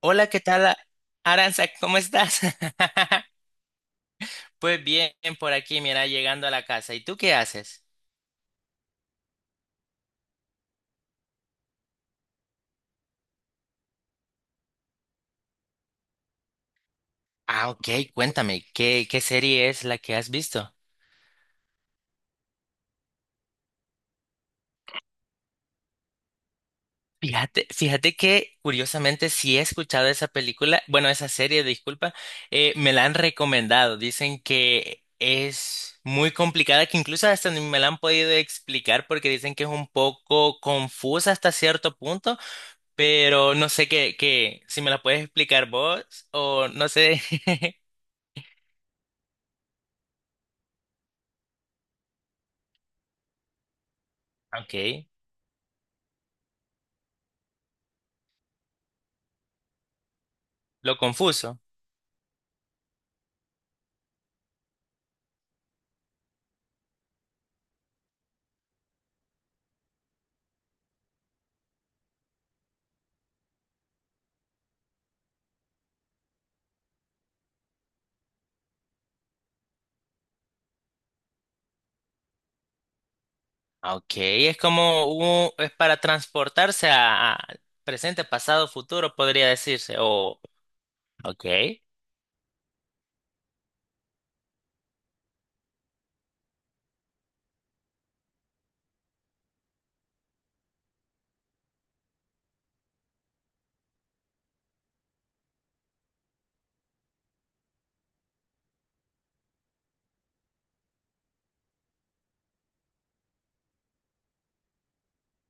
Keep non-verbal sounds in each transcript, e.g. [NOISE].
Hola, ¿qué tal, Aranza? ¿Cómo estás? [LAUGHS] Pues bien, por aquí, mira, llegando a la casa. ¿Y tú qué haces? Ah, ok, cuéntame, ¿qué serie es la que has visto? Fíjate que curiosamente sí he escuchado esa película, bueno, esa serie, disculpa, me la han recomendado. Dicen que es muy complicada, que incluso hasta ni me la han podido explicar porque dicen que es un poco confusa hasta cierto punto. Pero no sé si me la puedes explicar vos o no sé. [LAUGHS] Ok, lo confuso. Ok, es como un- es para transportarse a presente, pasado, futuro, podría decirse. O, ok,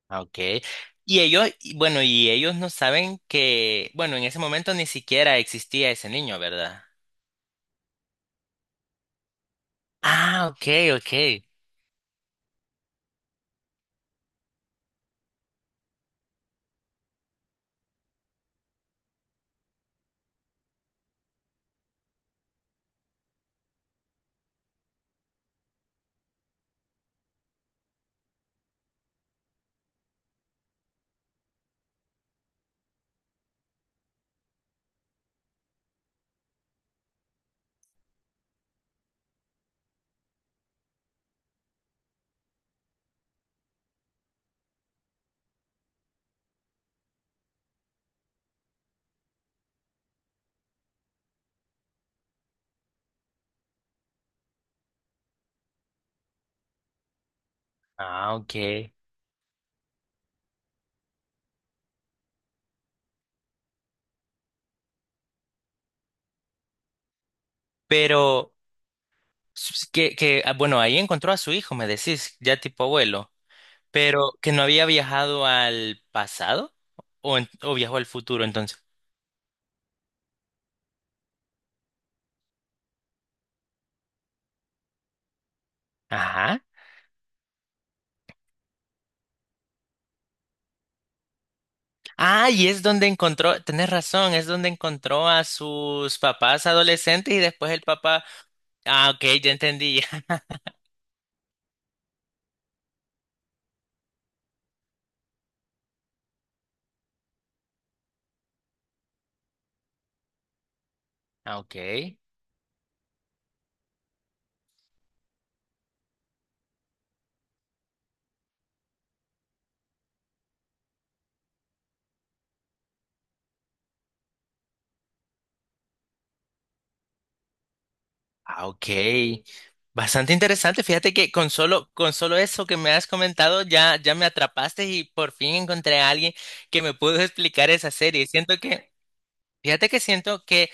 ok. Y ellos, y bueno, y ellos no saben que, bueno, en ese momento ni siquiera existía ese niño, ¿verdad? Ah, ok, ok. Ah, ok. Pero bueno, ahí encontró a su hijo, me decís, ya tipo abuelo. Pero que no había viajado al pasado o, o viajó al futuro entonces. Ajá. Ah, y es donde encontró, tenés razón, es donde encontró a sus papás adolescentes y después el papá. Ah, ok, ya entendí. [LAUGHS] Ah, ok. Ah, ok. Bastante interesante. Fíjate que con solo eso que me has comentado ya me atrapaste y por fin encontré a alguien que me pudo [LAUGHS] explicar esa serie. Siento que Fíjate que siento que,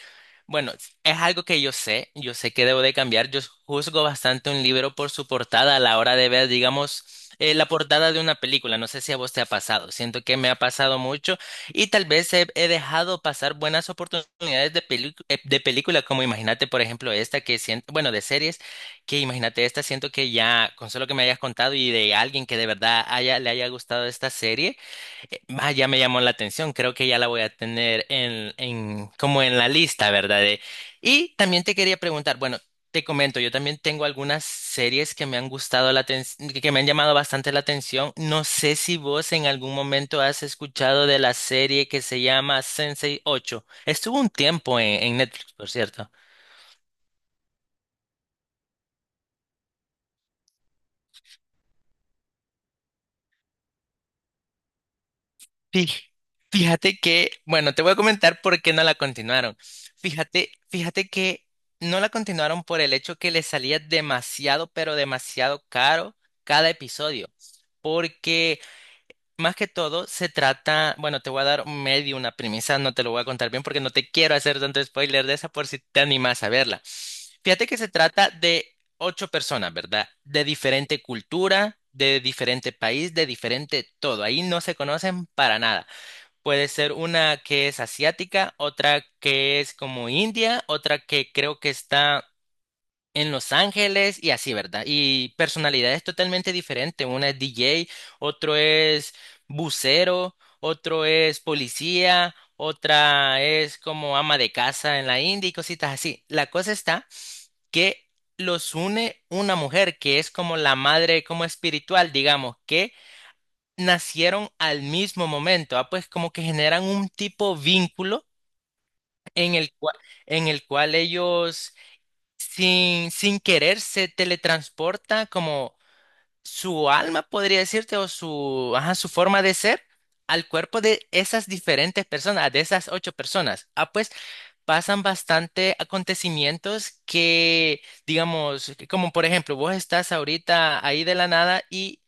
bueno, es algo que yo sé que debo de cambiar. Yo juzgo bastante un libro por su portada a la hora de ver, digamos, la portada de una película. No sé si a vos te ha pasado. Siento que me ha pasado mucho y tal vez he dejado pasar buenas oportunidades de, de película, como imagínate, por ejemplo, esta que siento, bueno, de series, que imagínate esta, siento que ya, con solo que me hayas contado y de alguien que de verdad le haya gustado esta serie. Ya me llamó la atención, creo que ya la voy a tener como en la lista, ¿verdad? De- y también te quería preguntar, bueno, te comento, yo también tengo algunas series que me han gustado la que me han llamado bastante la atención. No sé si vos en algún momento has escuchado de la serie que se llama Sensei 8. Estuvo un tiempo en Netflix, por cierto. Fij- Fíjate que, bueno, te voy a comentar por qué no la continuaron. Fíjate que no la continuaron por el hecho que le salía demasiado, pero demasiado caro cada episodio. Porque más que todo se trata, bueno, te voy a dar medio una premisa, no te lo voy a contar bien porque no te quiero hacer tanto spoiler de esa por si te animas a verla. Fíjate que se trata de ocho personas, ¿verdad? De diferente cultura, de diferente país, de diferente todo. Ahí no se conocen para nada. Puede ser una que es asiática, otra que es como India, otra que creo que está en Los Ángeles y así, ¿verdad? Y personalidades totalmente diferentes. Una es DJ, otro es bucero, otro es policía, otra es como ama de casa en la India y cositas así. La cosa está que los une una mujer que es como la madre, como espiritual, digamos, que nacieron al mismo momento, ah, pues como que generan un tipo vínculo en el cual, en el cual ellos sin querer se teletransporta como su alma, podría decirte, o su, ajá, su forma de ser al cuerpo de esas diferentes personas, de esas ocho personas. Ah, pues pasan bastante acontecimientos que, digamos, que como por ejemplo, vos estás ahorita ahí de la nada y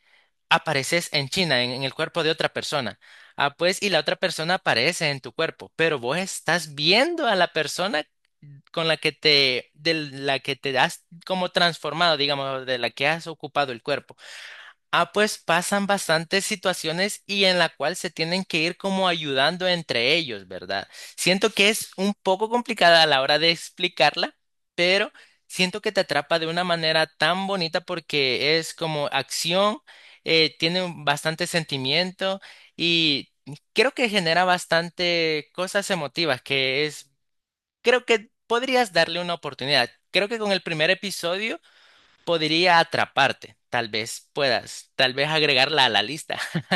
apareces en China, en el cuerpo de otra persona. Ah, pues, y la otra persona aparece en tu cuerpo, pero vos estás viendo a la persona con la que te, de la que te has como transformado, digamos, de la que has ocupado el cuerpo. Ah, pues pasan bastantes situaciones y en la cual se tienen que ir como ayudando entre ellos, ¿verdad? Siento que es un poco complicada a la hora de explicarla, pero siento que te atrapa de una manera tan bonita porque es como acción, tiene bastante sentimiento y creo que genera bastante cosas emotivas, que es, creo que podrías darle una oportunidad. Creo que con el primer episodio podría atraparte. Tal vez puedas, tal vez agregarla a la lista. [LAUGHS]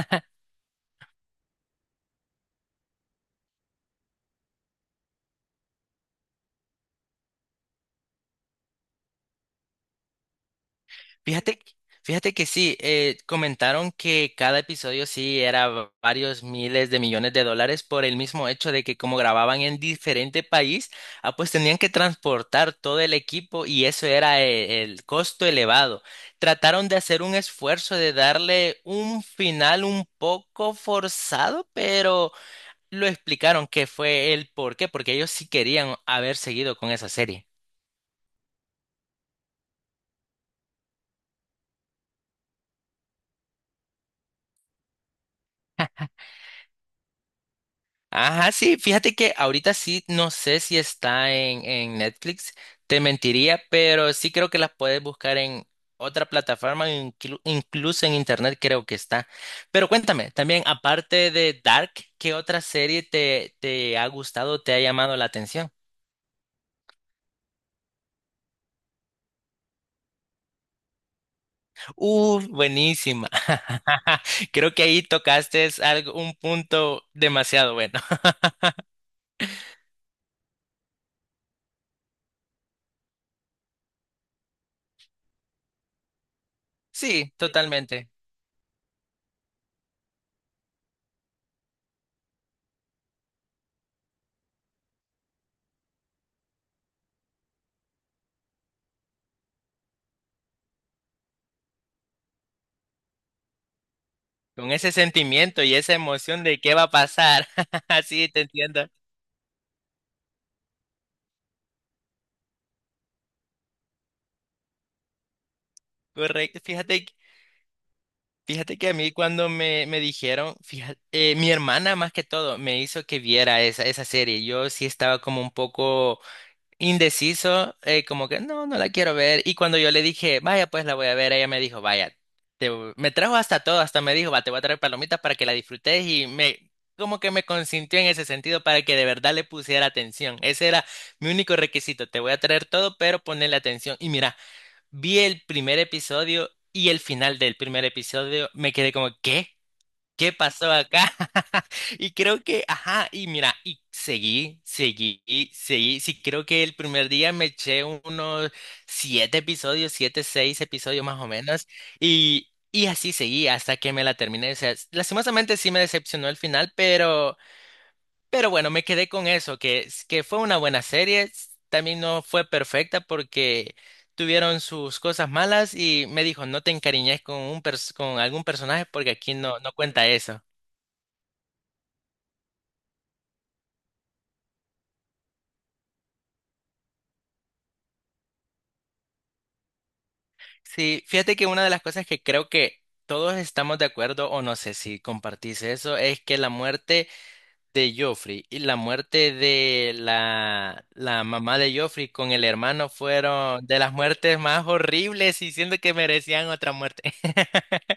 Fíjate, fíjate que sí, comentaron que cada episodio sí era varios miles de millones de dólares por el mismo hecho de que como grababan en diferente país, ah, pues tenían que transportar todo el equipo y eso era el costo elevado. Trataron de hacer un esfuerzo de darle un final un poco forzado, pero... lo explicaron que fue el por qué, porque ellos sí querían haber seguido con esa serie. Ajá, sí, fíjate que ahorita sí, no sé si está en Netflix, te mentiría, pero sí creo que las puedes buscar en otra plataforma, incluso en internet creo que está. Pero cuéntame, también aparte de Dark, ¿qué otra serie te ha gustado, te, ha llamado la atención? ¡Buenísima! [LAUGHS] Creo que ahí tocaste algo, un punto demasiado bueno. [LAUGHS] Sí, totalmente. Con ese sentimiento y esa emoción de qué va a pasar. [LAUGHS] Así te entiendo. Correcto. Fíjate que a mí cuando me dijeron, fíjate, mi hermana más que todo me hizo que viera esa serie. Yo sí estaba como un poco indeciso, como que no, no la quiero ver. Y cuando yo le dije, vaya, pues la voy a ver, ella me dijo, vaya, te voy-. Me trajo hasta todo, hasta me dijo, va, te voy a traer palomitas para que la disfrutes y me, como que me consintió en ese sentido para que de verdad le pusiera atención. Ese era mi único requisito, te voy a traer todo, pero ponle atención. Y mira, vi el primer episodio y el final del primer episodio, me quedé como, ¿qué? ¿Qué pasó acá? [LAUGHS] Y creo que, ajá, y mira, y seguí, seguí, y seguí. Sí, creo que el primer día me eché unos siete episodios, siete, seis episodios más o menos, y así seguí hasta que me la terminé. O sea, lastimosamente sí me decepcionó el final, pero bueno, me quedé con eso, que fue una buena serie. También no fue perfecta porque tuvieron sus cosas malas y me dijo, no te encariñes con un con algún personaje porque aquí no, no cuenta eso. Sí, fíjate que una de las cosas que creo que todos estamos de acuerdo, o no sé si compartís eso, es que la muerte de Joffrey y la muerte de la mamá de Joffrey con el hermano fueron de las muertes más horribles y siento que merecían otra muerte. [LAUGHS]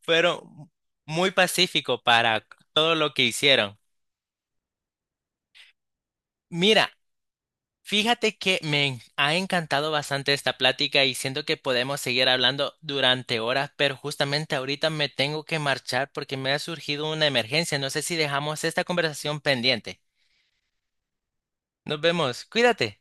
Fueron muy pacíficos para todo lo que hicieron. Mira, fíjate que me ha encantado bastante esta plática y siento que podemos seguir hablando durante horas, pero justamente ahorita me tengo que marchar porque me ha surgido una emergencia. No sé si dejamos esta conversación pendiente. Nos vemos. Cuídate.